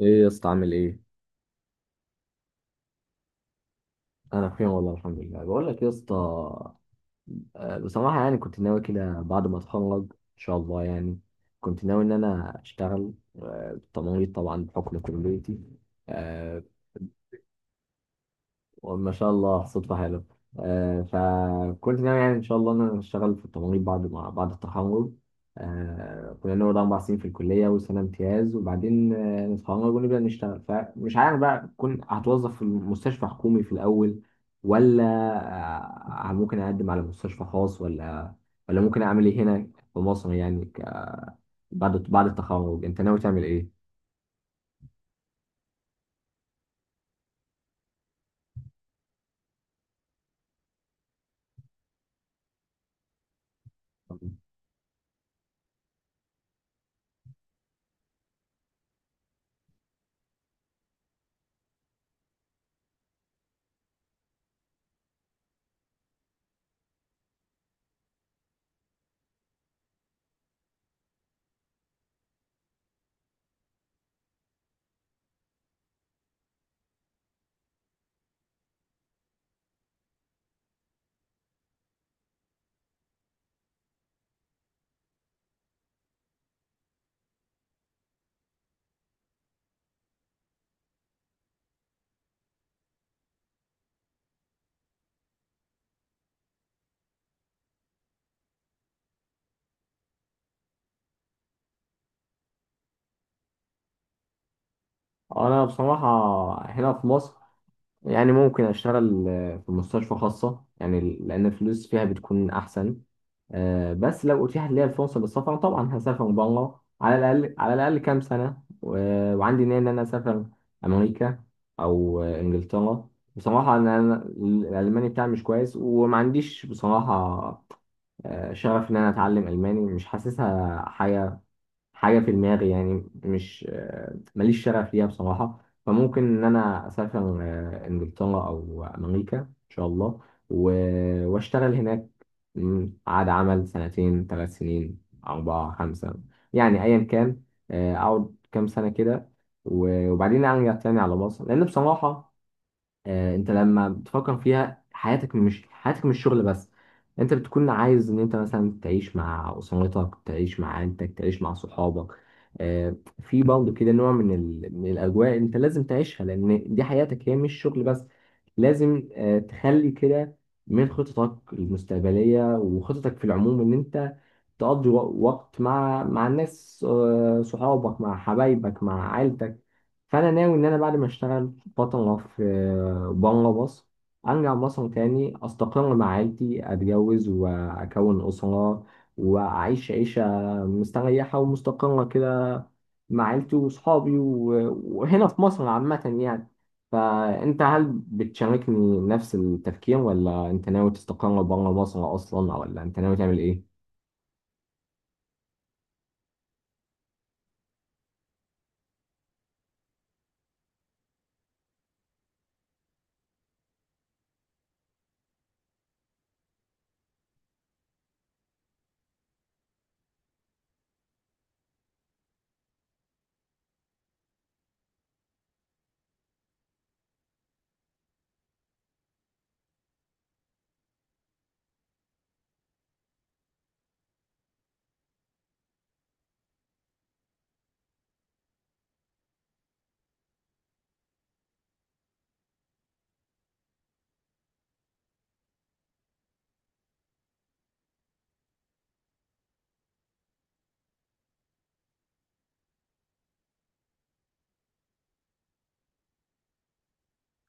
ايه يا اسطى عامل ايه؟ انا بخير والله الحمد لله بقول لك يا اسطى. بصراحة يعني كنت ناوي كده بعد ما اتخرج ان شاء الله، يعني كنت ناوي ان انا اشتغل بالتمريض طبعا بحكم كليتي. آه، وما شاء الله صدفة حلوة. فكنت ناوي يعني إن شاء الله إن أنا أشتغل في التمريض بعد ما بعد التخرج. كنا نقعد 4 سنين في الكلية وسنة امتياز، وبعدين نتخرج ونبدأ نشتغل. فمش عارف بقى، كنت هتوظف في مستشفى حكومي في الأول، ولا ممكن أقدم على مستشفى خاص، ولا ممكن أعمل إيه هنا في مصر، يعني بعد التخرج أنت ناوي تعمل إيه؟ انا بصراحه هنا في مصر يعني ممكن اشتغل في مستشفى خاصة، يعني لان الفلوس فيها بتكون احسن. بس لو اتيحت لي الفرصة للسفر طبعا هسافر بره، على الاقل على الاقل كام سنة، وعندي نية ان انا اسافر امريكا او انجلترا. بصراحة أنا الالماني بتاعي مش كويس، وما عنديش بصراحة شغف ان انا اتعلم الماني، مش حاسسها حاجة في دماغي، يعني مش آه، ماليش شغف ليها بصراحة. فممكن إن أنا أسافر إنجلترا أو أمريكا إن شاء الله، وأشتغل هناك. عقد عمل سنتين، 3 سنين، أربعة، خمسة، يعني أيا كان. أقعد كام سنة كده، وبعدين أرجع تاني على مصر، لأن بصراحة انت لما بتفكر فيها، حياتك مش شغل بس. انت بتكون عايز ان انت مثلا تعيش مع اسرتك، تعيش مع عيلتك، تعيش مع صحابك. آه، في برضه كده نوع من من الاجواء انت لازم تعيشها، لان دي حياتك، هي مش شغل بس. لازم تخلي كده من خططك المستقبليه وخططك في العموم، ان انت تقضي وقت مع الناس، صحابك، مع حبايبك، مع عيلتك. فانا ناوي ان انا بعد ما اشتغل فتره في بره مصر، ارجع مصر تاني، استقر مع عيلتي، اتجوز واكون اسره، واعيش عيشه مستريحه ومستقره كده مع عيلتي وصحابي، وهنا في مصر عامه يعني. فانت هل بتشاركني نفس التفكير، ولا انت ناوي تستقر بره مصر اصلا، ولا انت ناوي تعمل ايه؟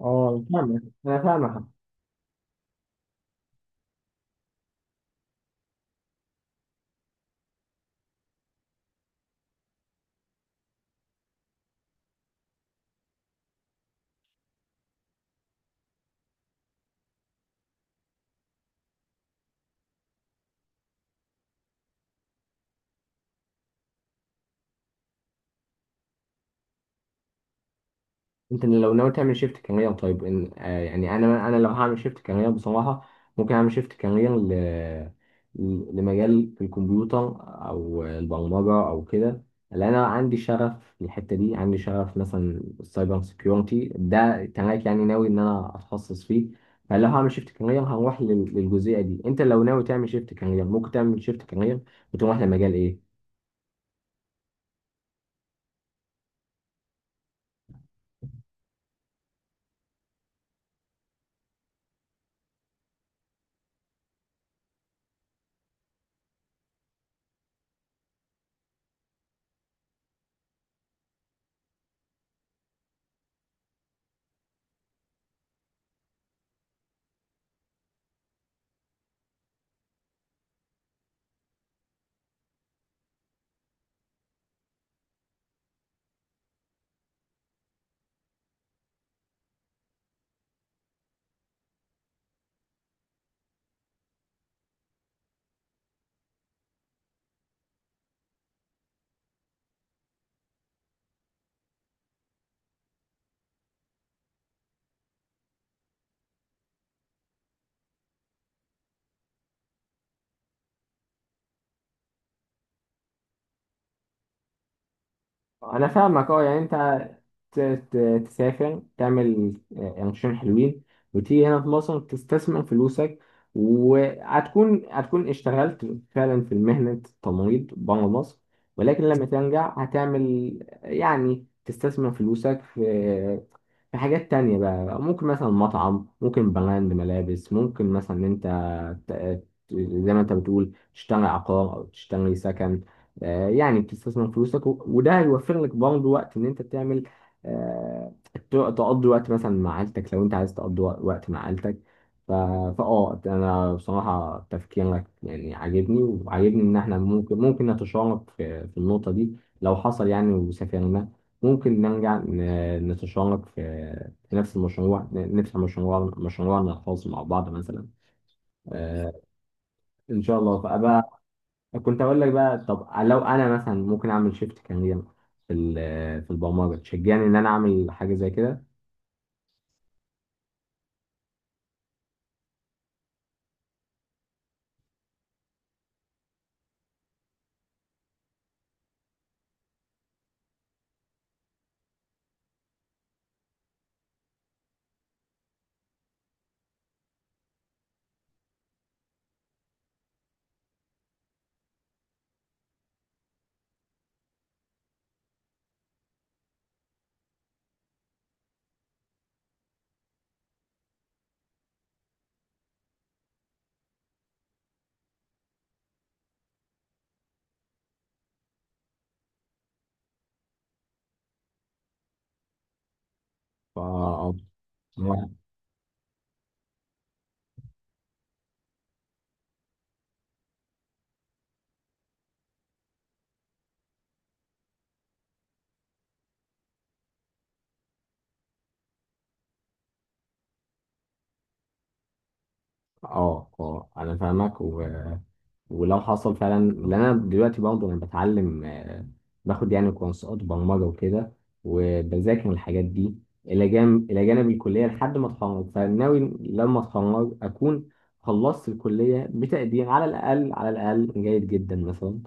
اه، انا فاهمك. انت لو ناوي تعمل شيفت كارير؟ طيب إن آه يعني انا لو هعمل شيفت كارير بصراحه، ممكن اعمل شيفت كارير لمجال في الكمبيوتر او البرمجه او كده. لان انا عندي شغف في الحته دي، عندي شغف مثلا السايبر سيكيورتي، ده تراك يعني ناوي ان انا اتخصص فيه. فلو هعمل شيفت كارير هروح للجزئيه دي. انت لو ناوي تعمل شيفت كارير ممكن تعمل شيفت كارير وتروح لمجال ايه؟ انا فاهمك، اه يعني انت ت- تسافر، تعمل قرشين حلوين، وتيجي هنا في مصر تستثمر فلوسك، وهتكون هتكون اشتغلت فعلا في مهنة التمريض بره مصر، ولكن لما ترجع هتعمل، يعني تستثمر فلوسك في حاجات تانية بقى، ممكن مثلا مطعم، ممكن براند ملابس، ممكن مثلا إن انت ت- ت- زي ما انت بتقول تشتري عقار او تشتري سكن. يعني بتستثمر فلوسك، وده هيوفر لك برضه وقت ان انت تعمل، تقضي وقت مثلا مع عيلتك، لو انت عايز تقضي وقت مع عيلتك. ف- فاه انا بصراحة تفكيرك يعني عاجبني، وعاجبني ان احنا ممكن نتشارك في النقطة دي. لو حصل يعني وسافرنا، ممكن نرجع نتشارك في في نفس المشروع، نفتح مشروعنا الخاص مع بعض مثلا. آه ان شاء الله. فابقى كنت اقول لك بقى، طب لو انا مثلا ممكن اعمل شيفت كارير في البرمجه، تشجعني ان انا اعمل حاجه زي كده؟ فا اه اه آه، انا فاهمك. ولو حصل فعلا، لان انا دلوقتي برضه انا بتعلم، باخد يعني كورسات برمجه وكده، وبذاكر الحاجات دي الى جانب الكليه لحد ما اتخرج. فناوي لما اتخرج اكون خلصت الكليه بتقدير على الاقل على الاقل جيد جدا مثلا،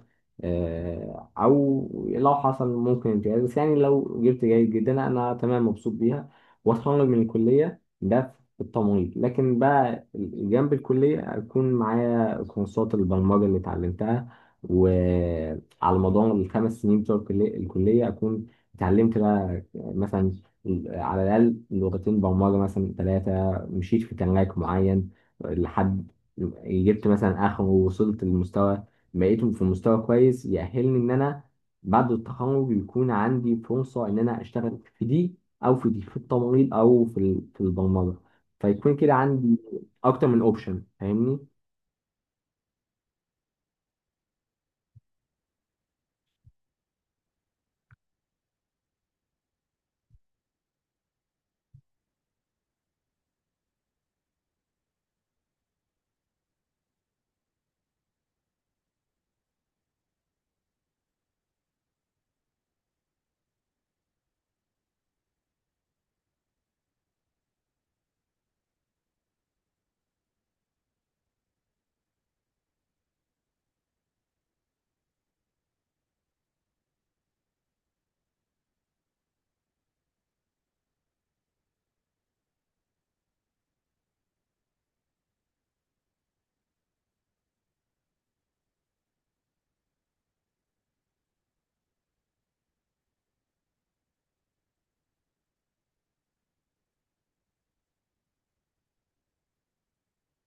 او لو حصل ممكن امتياز، بس يعني لو جبت جيد جدا انا تمام مبسوط بيها. واتخرج من الكليه ده في التمريض، لكن بقى جنب الكليه اكون معايا كورسات البرمجة اللي اتعلمتها، وعلى مدار الـ5 سنين بتوع الكلية أكون اتعلمت بقى مثلا على الأقل لغتين برمجة، مثلا ثلاثة، مشيت في تراك معين لحد جبت مثلا آخره، ووصلت لمستوى، بقيت في مستوى كويس يأهلني إن أنا بعد التخرج يكون عندي فرصة إن أنا أشتغل في دي أو في دي، في التمريض أو في البرمجة، فيكون كده عندي أكتر من أوبشن، فاهمني؟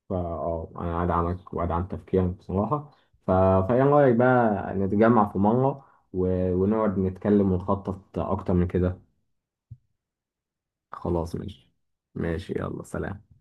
انا ادعمك وادعم تفكيرك بصراحه. ف... فايه رايك بقى نتجمع في مره و... ونقعد نتكلم ونخطط اكتر من كده؟ خلاص ماشي. ماشي يلا سلام.